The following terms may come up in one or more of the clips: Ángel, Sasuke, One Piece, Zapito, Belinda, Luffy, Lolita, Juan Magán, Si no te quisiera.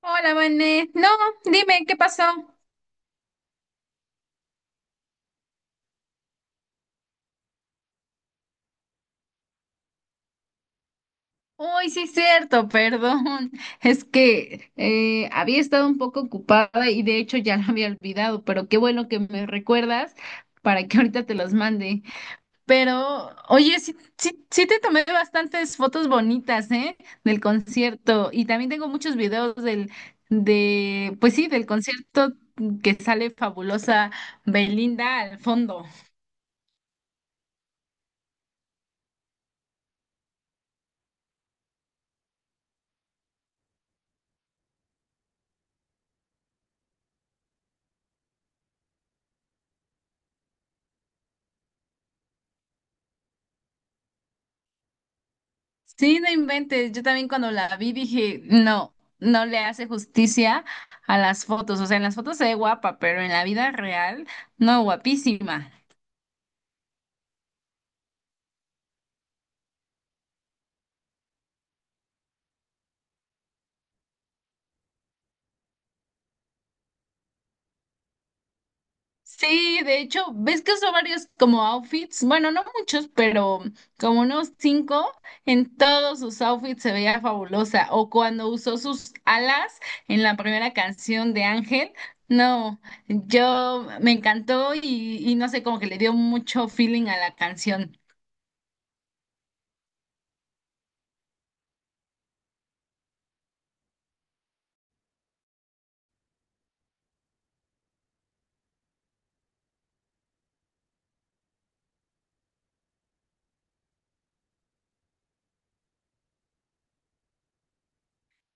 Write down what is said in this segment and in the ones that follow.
Hola, Vané. No, dime, ¿qué pasó? Uy, sí, cierto, perdón. Es que había estado un poco ocupada y de hecho ya lo había olvidado, pero qué bueno que me recuerdas para que ahorita te los mande. Pero, oye, sí, sí, sí te tomé bastantes fotos bonitas, ¿eh? Del concierto y también tengo muchos videos pues sí, del concierto que sale fabulosa Belinda al fondo. Sí, no inventes. Yo también cuando la vi dije, no, no le hace justicia a las fotos. O sea, en las fotos se ve guapa, pero en la vida real, no, guapísima. Sí, de hecho, ves que usó varios como outfits, bueno, no muchos, pero como unos cinco, en todos sus outfits se veía fabulosa. O cuando usó sus alas en la primera canción de Ángel, no, yo me encantó y no sé, como que le dio mucho feeling a la canción.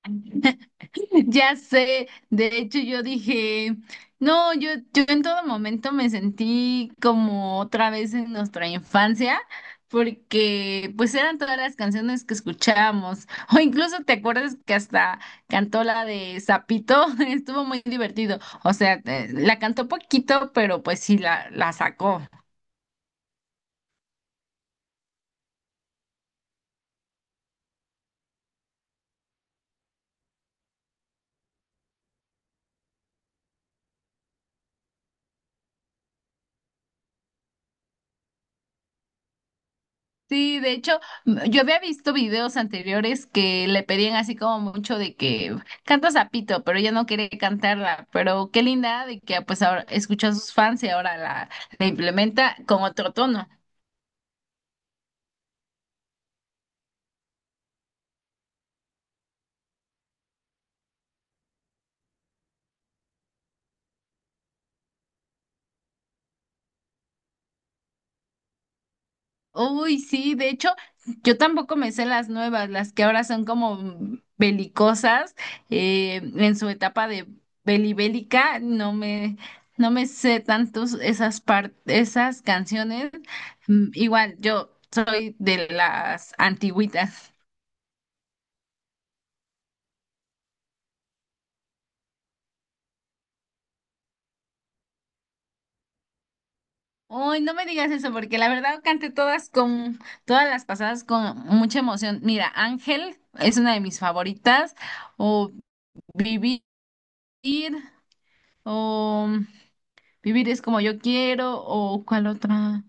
Ya sé, de hecho yo dije, no, yo en todo momento me sentí como otra vez en nuestra infancia, porque pues eran todas las canciones que escuchábamos, o incluso te acuerdas que hasta cantó la de Zapito, estuvo muy divertido, o sea, la cantó poquito, pero pues sí la sacó. Sí, de hecho, yo había visto videos anteriores que le pedían así como mucho de que canta Zapito, pero ella no quiere cantarla. Pero qué linda de que pues ahora escuchó a sus fans y ahora la implementa con otro tono. Uy, sí, de hecho, yo tampoco me sé las nuevas, las que ahora son como belicosas, en su etapa de belibélica, no me sé tantos esas canciones. Igual, yo soy de las antigüitas. Uy, no me digas eso, porque la verdad canté todas todas las pasadas con mucha emoción. Mira, Ángel es una de mis favoritas, o Vivir, o Vivir es como yo quiero o cuál otra.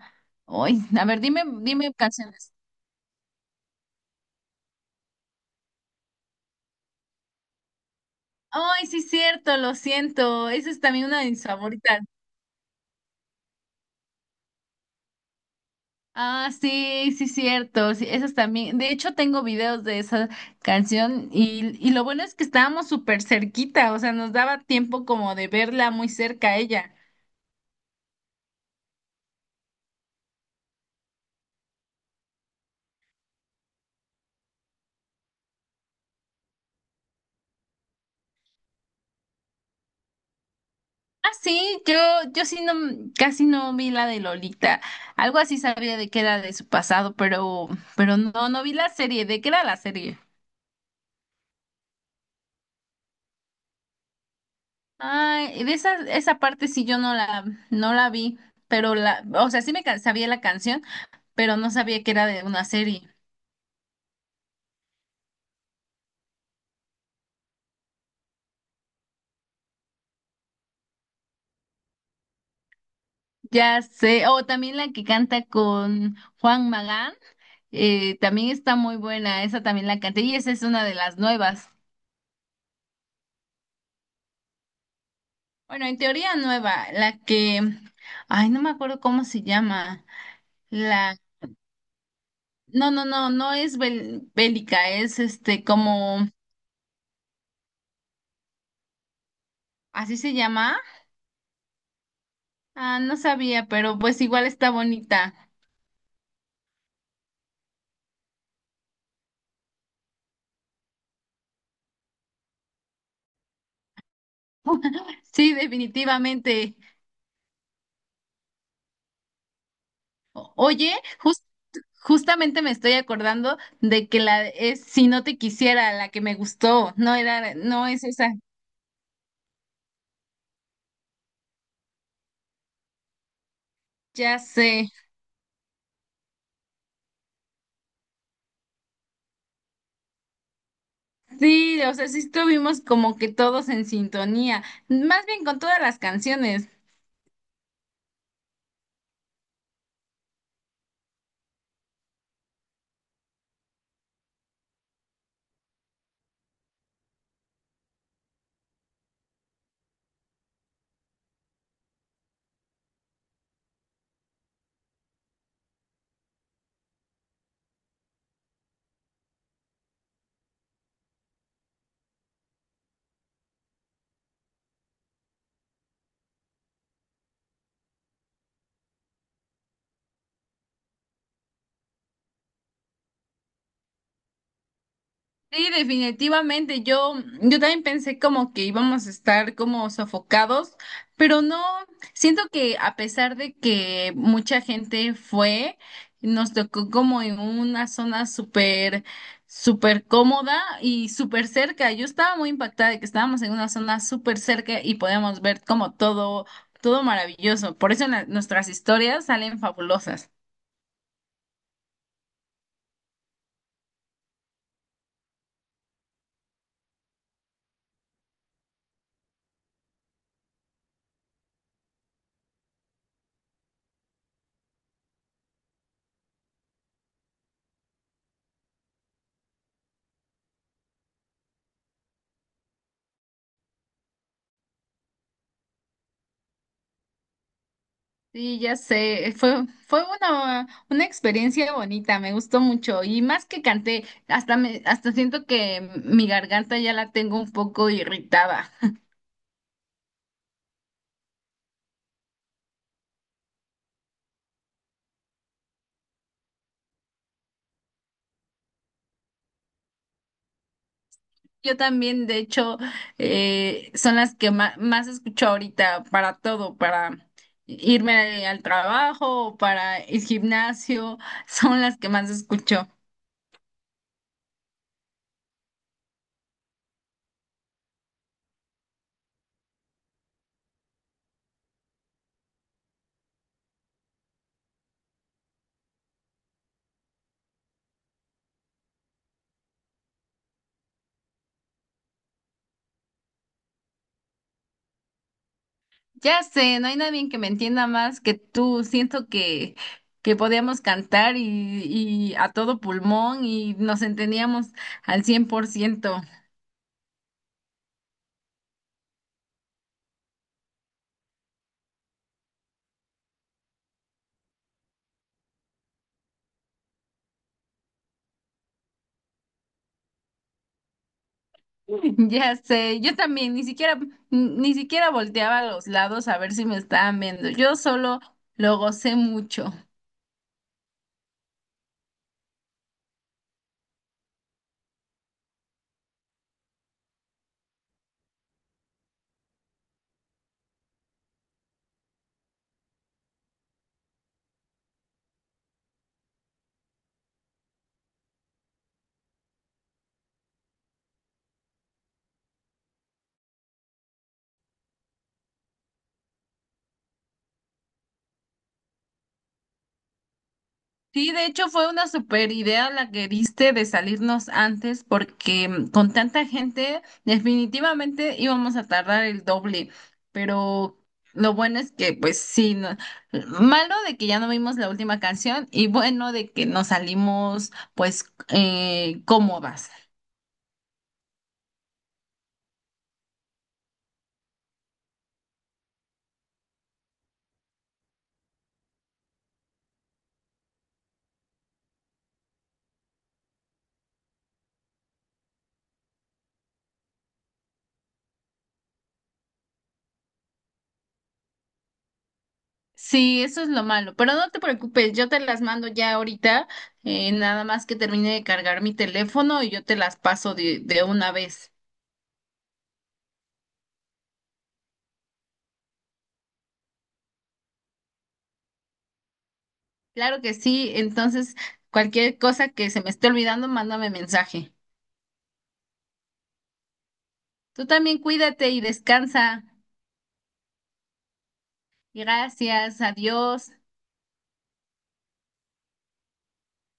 Ay, a ver, dime, dime canciones. Ay, sí, cierto, lo siento. Esa es también una de mis favoritas. Ah, sí, sí, cierto. Sí, esas también. De hecho, tengo videos de esa canción y lo bueno es que estábamos súper cerquita, o sea, nos daba tiempo como de verla muy cerca a ella. Ah, sí, yo sí no, casi no vi la de Lolita. Algo así sabía de que era de su pasado, pero no, no vi la serie. ¿De qué era la serie? Ay, de esa parte sí yo no la vi, pero o sea, sí me sabía la canción, pero no sabía que era de una serie. Ya sé, o también la que canta con Juan Magán, también está muy buena, esa también la canté, y esa es una de las nuevas. Bueno, en teoría nueva, la que, ay, no me acuerdo cómo se llama, la, no, no, no, no es bélica, es como, así se llama, ah, no sabía, pero pues igual está bonita. Sí, definitivamente. Oye, jus- justamente me estoy acordando de que la es Si no te quisiera, la que me gustó, no es esa. Ya sé. Sí, o sea, sí estuvimos como que todos en sintonía, más bien con todas las canciones. Sí, definitivamente. Yo también pensé como que íbamos a estar como sofocados, pero no, siento que a pesar de que mucha gente fue, nos tocó como en una zona súper, súper cómoda y súper cerca. Yo estaba muy impactada de que estábamos en una zona súper cerca y podíamos ver como todo, todo maravilloso. Por eso nuestras historias salen fabulosas. Sí, ya sé, fue una experiencia bonita, me gustó mucho y más que canté, hasta siento que mi garganta ya la tengo un poco irritada. Yo también, de hecho, son las que más, escucho ahorita para todo, para irme al trabajo, para el gimnasio, son las que más escucho. Ya sé, no hay nadie que me entienda más que tú. Siento que podíamos cantar y a todo pulmón y nos entendíamos al 100%. Ya sé, yo también ni siquiera volteaba a los lados a ver si me estaban viendo. Yo solo lo gocé mucho. Sí, de hecho fue una super idea la que diste de salirnos antes porque con tanta gente definitivamente íbamos a tardar el doble, pero lo bueno es que pues sí, malo de que ya no vimos la última canción y bueno de que nos salimos pues cómodas. Sí, eso es lo malo, pero no te preocupes, yo te las mando ya ahorita, nada más que termine de cargar mi teléfono y yo te las paso de una vez. Claro que sí, entonces cualquier cosa que se me esté olvidando, mándame mensaje. Tú también cuídate y descansa. Gracias, adiós.